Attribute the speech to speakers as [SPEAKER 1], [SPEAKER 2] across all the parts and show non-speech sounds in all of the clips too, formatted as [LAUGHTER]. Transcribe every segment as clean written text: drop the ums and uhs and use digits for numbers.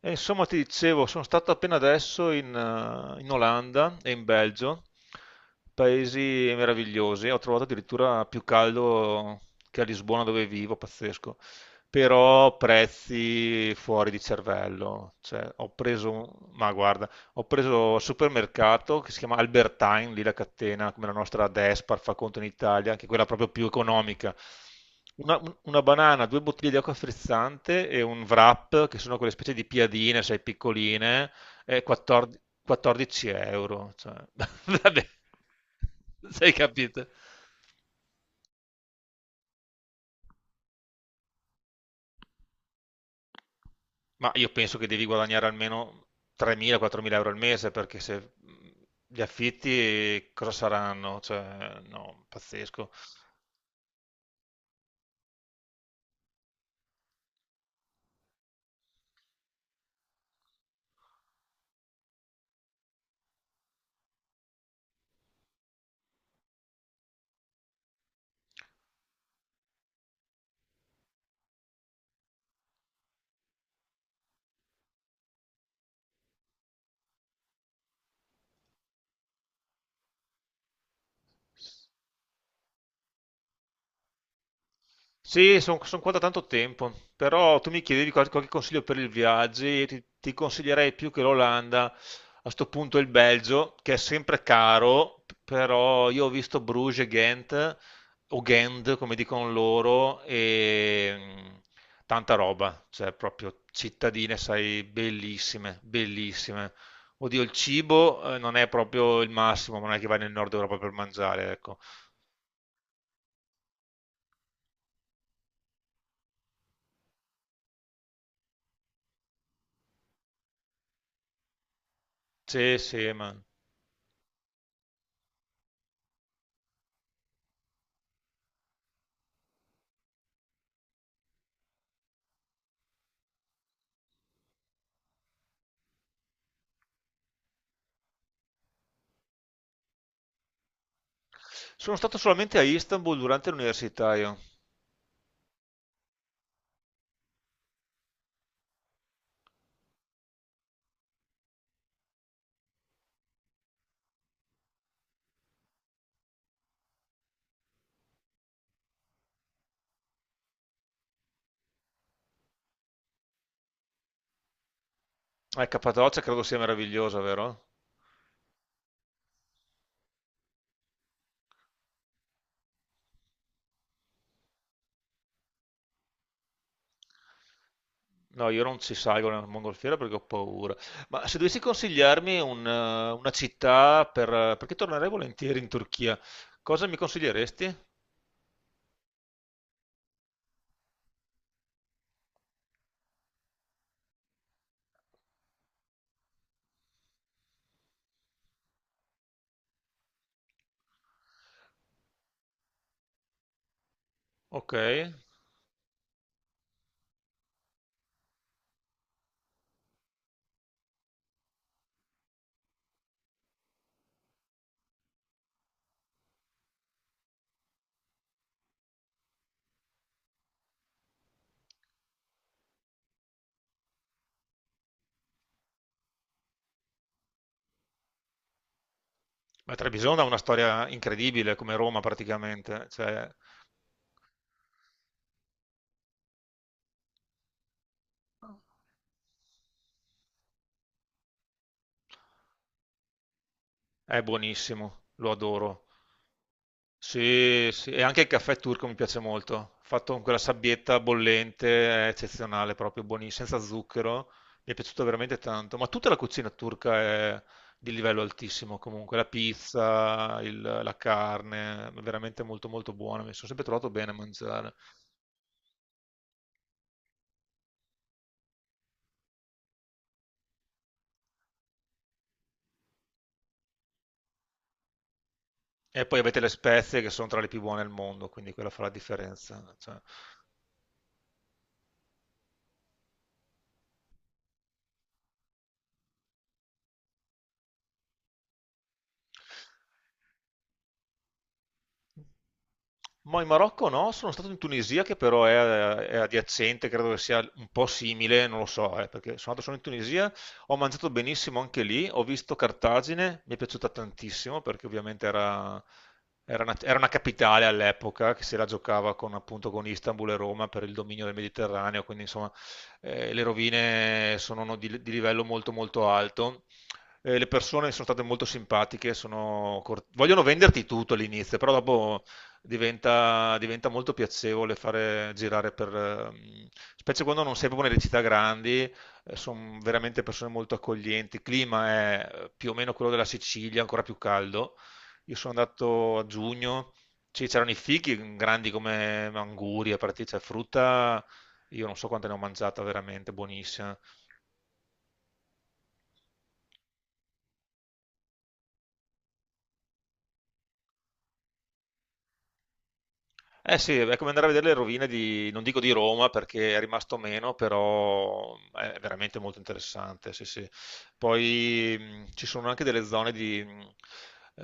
[SPEAKER 1] E insomma, ti dicevo, sono stato appena adesso in Olanda e in Belgio, paesi meravigliosi. Ho trovato addirittura più caldo che a Lisbona dove vivo, pazzesco. Però prezzi fuori di cervello. Cioè, ma guarda, ho preso al supermercato che si chiama Albertine, lì la catena, come la nostra Despar fa conto in Italia, anche quella proprio più economica. Una banana, due bottiglie di acqua frizzante e un wrap, che sono quelle specie di piadine, sai, piccoline, e 14 euro. Cioè, [LAUGHS] vabbè, sei capito? Ma io penso che devi guadagnare almeno 3.000-4.000 euro al mese, perché se gli affitti cosa saranno? Cioè, no, pazzesco. Sì, sono qua da tanto tempo, però tu mi chiedevi qualche consiglio per il viaggio e ti consiglierei più che l'Olanda, a sto punto il Belgio, che è sempre caro, però io ho visto Bruges e Ghent, o Ghent come dicono loro, e tanta roba, cioè proprio cittadine, sai, bellissime, bellissime. Oddio, il cibo non è proprio il massimo, ma non è che vai nel nord Europa per mangiare, ecco. Sì, sì, ma... Sono stato solamente a Istanbul durante l'università io. Cappadocia credo sia meravigliosa, vero? No, io non ci salgo nel mongolfiera perché ho paura. Ma se dovessi consigliarmi un, una città per... perché tornerei volentieri in Turchia, cosa mi consiglieresti? Ok. Ma Trebisonda ha una storia incredibile, come Roma praticamente, cioè è buonissimo, lo adoro. Sì, sì, e anche il caffè turco mi piace molto, fatto con quella sabbietta bollente, è eccezionale, proprio buonissimo, senza zucchero, mi è piaciuto veramente tanto, ma tutta la cucina turca è di livello altissimo comunque, la pizza, la carne, è veramente molto molto buona, mi sono sempre trovato bene a mangiare. E poi avete le spezie che sono tra le più buone al mondo, quindi quella fa la differenza, cioè. Ma in Marocco no, sono stato in Tunisia che però è adiacente, credo che sia un po' simile, non lo so, perché sono andato solo in Tunisia, ho mangiato benissimo anche lì, ho visto Cartagine, mi è piaciuta tantissimo perché ovviamente era, era una capitale all'epoca che se la giocava con, appunto, con Istanbul e Roma per il dominio del Mediterraneo, quindi insomma le rovine sono no, di livello molto molto alto. Le persone sono state molto simpatiche, sono vogliono venderti tutto all'inizio, però dopo diventa molto piacevole fare girare per, specie quando non sei proprio nelle città grandi, sono veramente persone molto accoglienti. Il clima è più o meno quello della Sicilia, ancora più caldo. Io sono andato a giugno, c'erano i fichi grandi come angurie, partite, cioè frutta, io non so quante ne ho mangiata, veramente buonissima. Eh sì, è come andare a vedere le rovine di, non dico di Roma perché è rimasto meno, però è veramente molto interessante, sì, sì. Poi ci sono anche delle zone di, mh,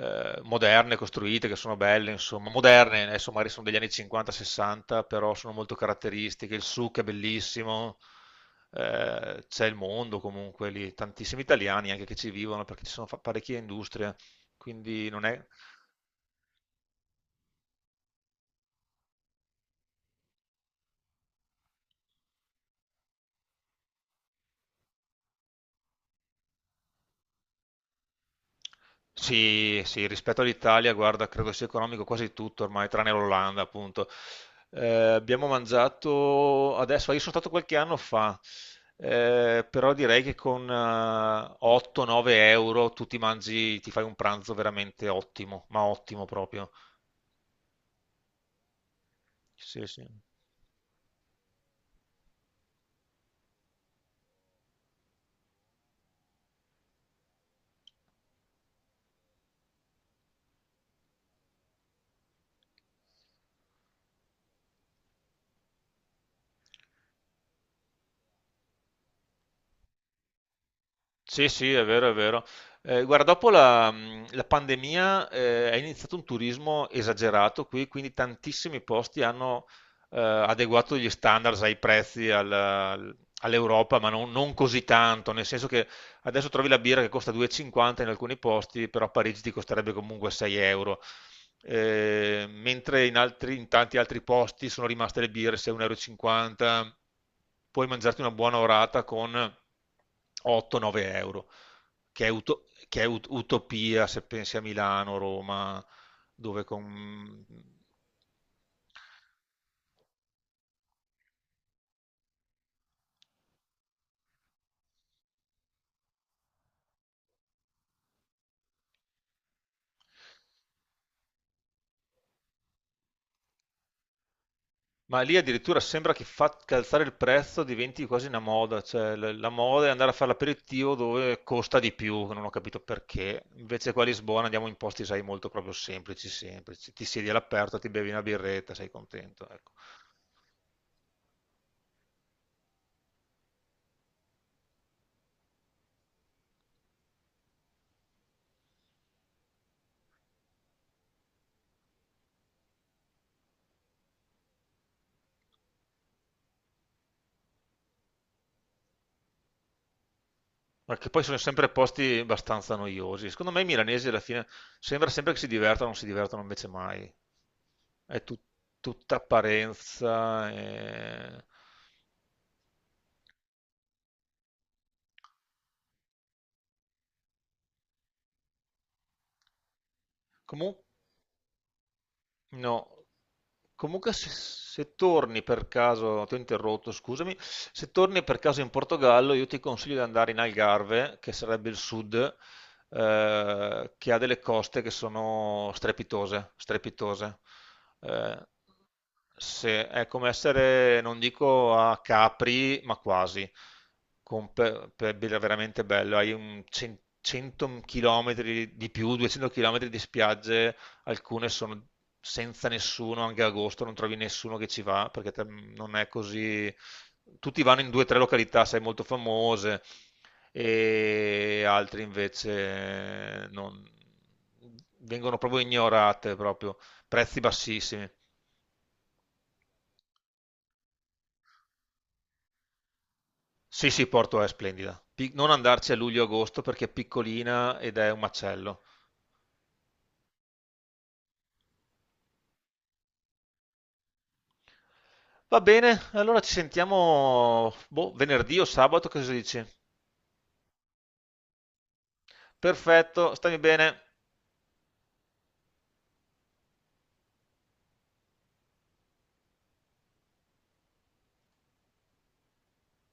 [SPEAKER 1] eh, moderne costruite che sono belle, insomma, moderne, adesso magari sono degli anni 50-60, però sono molto caratteristiche, il souk è bellissimo, c'è il mondo comunque lì, tantissimi italiani anche che ci vivono perché ci sono parecchie industrie, quindi non è... Sì, sì, rispetto all'Italia, guarda, credo sia economico quasi tutto ormai, tranne l'Olanda, appunto. Eh, abbiamo mangiato adesso, io sono stato qualche anno fa, però direi che con 8-9 euro tu ti mangi, ti fai un pranzo veramente ottimo, ma ottimo proprio. Sì, sì. Sì, sì, è vero, è vero. Guarda, dopo la pandemia è iniziato un turismo esagerato qui, quindi tantissimi posti hanno adeguato gli standards ai prezzi all'Europa, ma non così tanto, nel senso che adesso trovi la birra che costa 2,50 in alcuni posti, però a Parigi ti costerebbe comunque 6 euro. Mentre in, in tanti altri posti sono rimaste le birre 6,50 euro. Puoi mangiarti una buona orata con 8-9 euro, che è, utopia se pensi a Milano, Roma, dove con ma lì addirittura sembra che faccia alzare il prezzo, diventi quasi una moda, cioè la moda è andare a fare l'aperitivo dove costa di più, che non ho capito perché. Invece qua a Lisbona andiamo in posti, sai, molto proprio semplici, semplici. Ti siedi all'aperto, ti bevi una birretta, sei contento, ecco. Perché poi sono sempre posti abbastanza noiosi. Secondo me i milanesi alla fine sembra sempre che si divertano, non si divertono invece mai. È tutta apparenza, comunque no, comunque se torni per caso, ti ho interrotto, scusami, se torni per caso in Portogallo io ti consiglio di andare in Algarve, che sarebbe il sud, che ha delle coste che sono strepitose, strepitose. Eh, è come essere, non dico a Capri, ma quasi, con, veramente bello, hai un 100 km di più, 200 km di spiagge, alcune sono senza nessuno, anche agosto non trovi nessuno che ci va, perché non è così... Tutti vanno in due o tre località, sai, molto famose, e altri invece non... vengono proprio ignorate, proprio. Prezzi bassissimi. Sì, sì, Porto è splendida. Non andarci a luglio-agosto perché è piccolina ed è un macello. Va bene, allora ci sentiamo boh, venerdì o sabato, cosa dici? Perfetto, stammi bene.